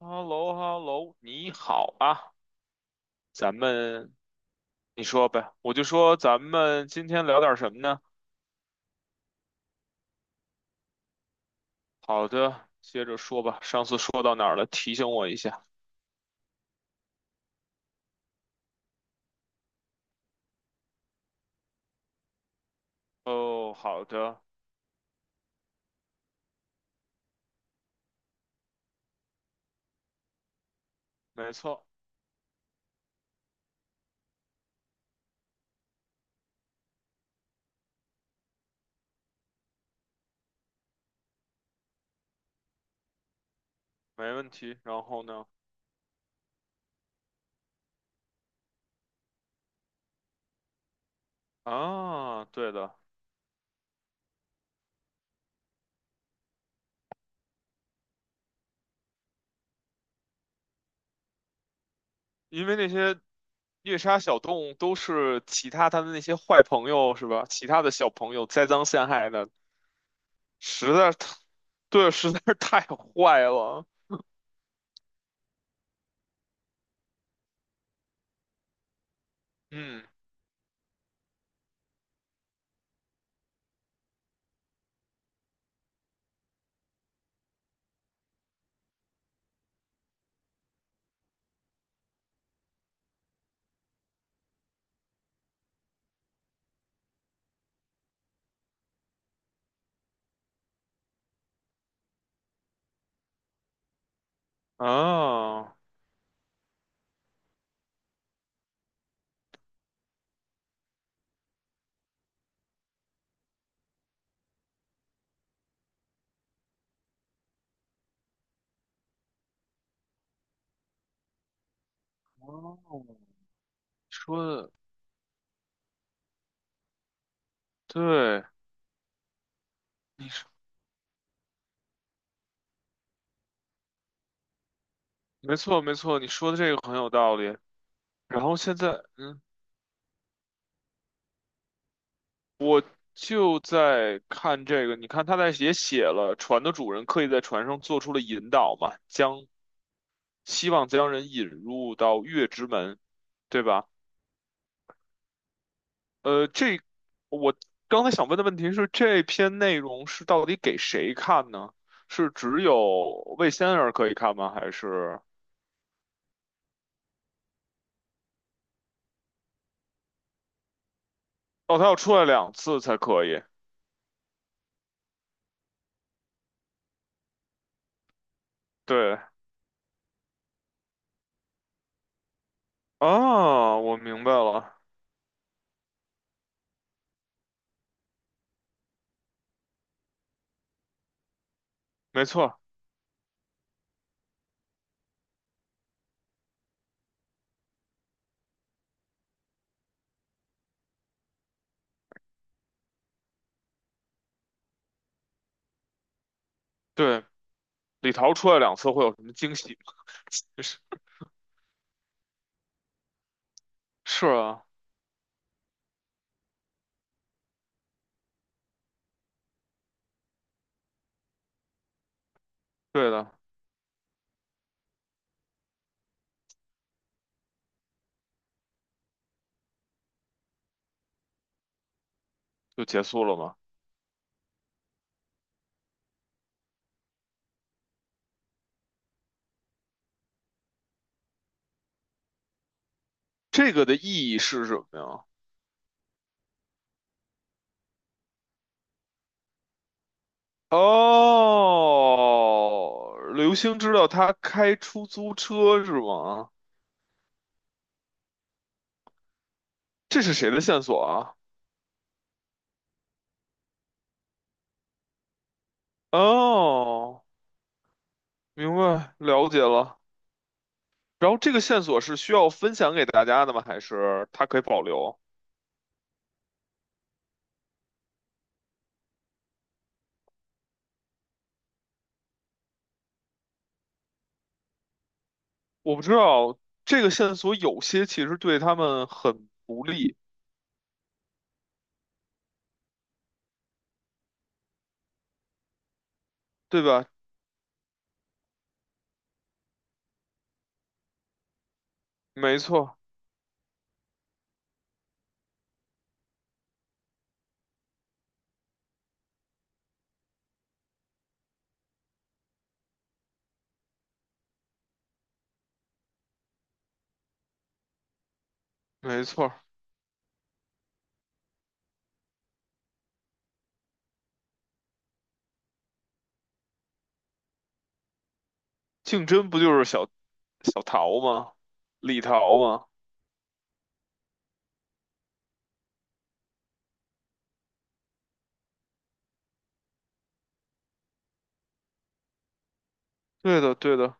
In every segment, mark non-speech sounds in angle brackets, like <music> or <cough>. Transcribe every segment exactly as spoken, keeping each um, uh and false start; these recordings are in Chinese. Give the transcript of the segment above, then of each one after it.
h e l l o h e l l o 你好啊，咱们你说呗，我就说咱们今天聊点什么呢？好的，接着说吧。上次说到哪儿了？提醒我一下。哦，好的，没错，没问题。然后呢？啊，对的，因为那些猎杀小动物都是其他他的那些坏朋友是吧？其他的小朋友栽赃陷害的，实在是太，对，实在是太坏了。嗯，啊。哦，说的对，你说没错，没错，你说的这个很有道理。然后现在，嗯，就在看这个，你看他在也写了，船的主人刻意在船上做出了引导嘛，将希望将人引入到月之门，对吧？呃，这我刚才想问的问题是，这篇内容是到底给谁看呢？是只有魏仙儿可以看吗？还是哦，他要出来两次才可以？对。啊，我明白了。没错，对，李桃出来两次会有什么惊喜吗？ <laughs> 是，是啊，对的，就结束了吗？这个的意义是什么呀？哦，刘星知道他开出租车是吗？这是谁的线索啊？哦，明白，了解了。然后这个线索是需要分享给大家的吗？还是他可以保留？我不知道，这个线索有些其实对他们很不利，对吧？没错。没错儿，竞争不就是小小桃吗？李桃吗？对的，对的。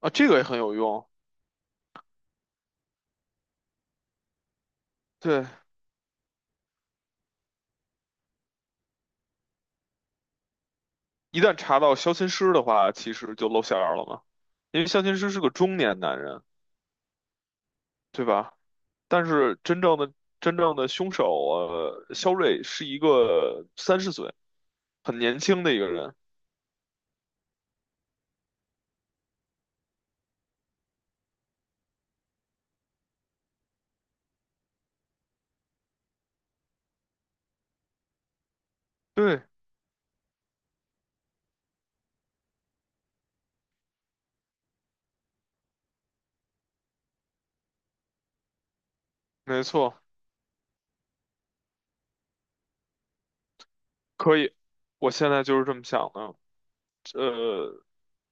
啊，这个也很有用。对，一旦查到相亲师的话，其实就露馅儿了嘛，因为相亲师是个中年男人，对吧？但是真正的真正的凶手，呃，肖瑞是一个三十岁，很年轻的一个人。对，没错，可以。我现在就是这么想的。呃，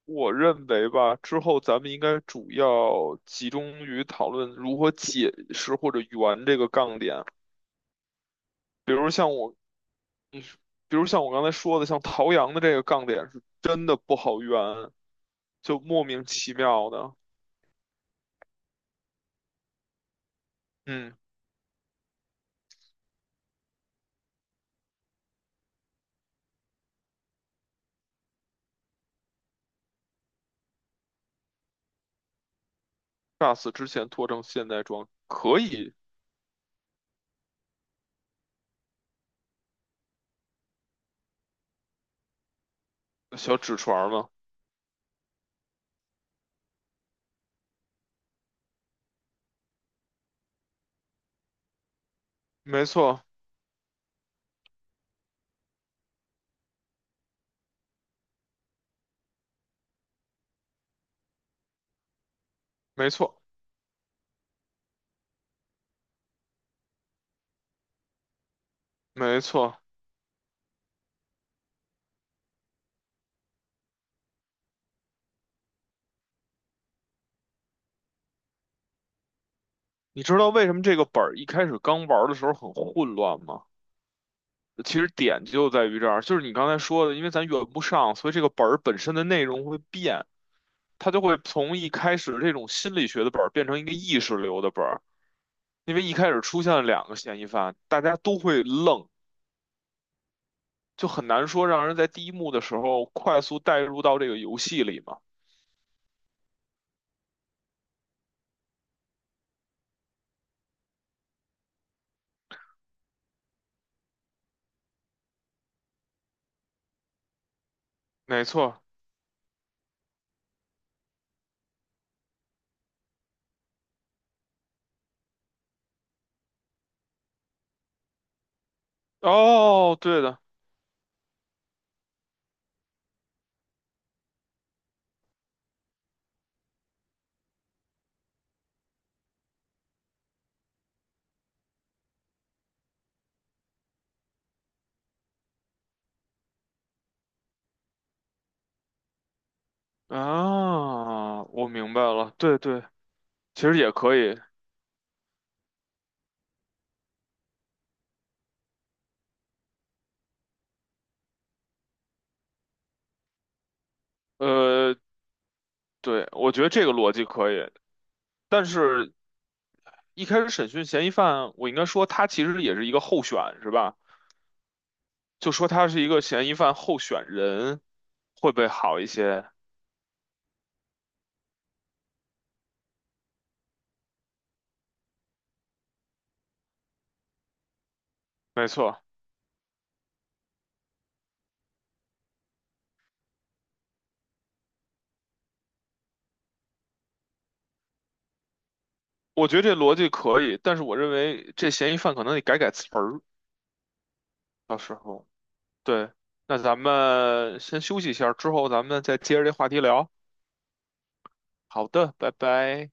我认为吧，之后咱们应该主要集中于讨论如何解释或者圆这个杠点。比如像我，嗯比如像我刚才说的，像陶阳的这个杠点是真的不好圆，就莫名其妙的。嗯 g a 之前脱成现在装可以小纸船吗？没错，没错，没错。你知道为什么这个本儿一开始刚玩的时候很混乱吗？其实点就在于这儿，就是你刚才说的，因为咱圆不上，所以这个本儿本身的内容会变，它就会从一开始这种心理学的本儿变成一个意识流的本儿，因为一开始出现了两个嫌疑犯，大家都会愣，就很难说让人在第一幕的时候快速带入到这个游戏里嘛。没错，哦，对的。啊，我明白了，对对，其实也可以，呃，对，我觉得这个逻辑可以，但是。一开始审讯嫌疑犯，我应该说他其实也是一个候选，是吧？就说他是一个嫌疑犯候选人，会不会好一些？没错，我觉得这逻辑可以，但是我认为这嫌疑犯可能得改改词儿，到时候。对，那咱们先休息一下，之后咱们再接着这话题聊。好的，拜拜。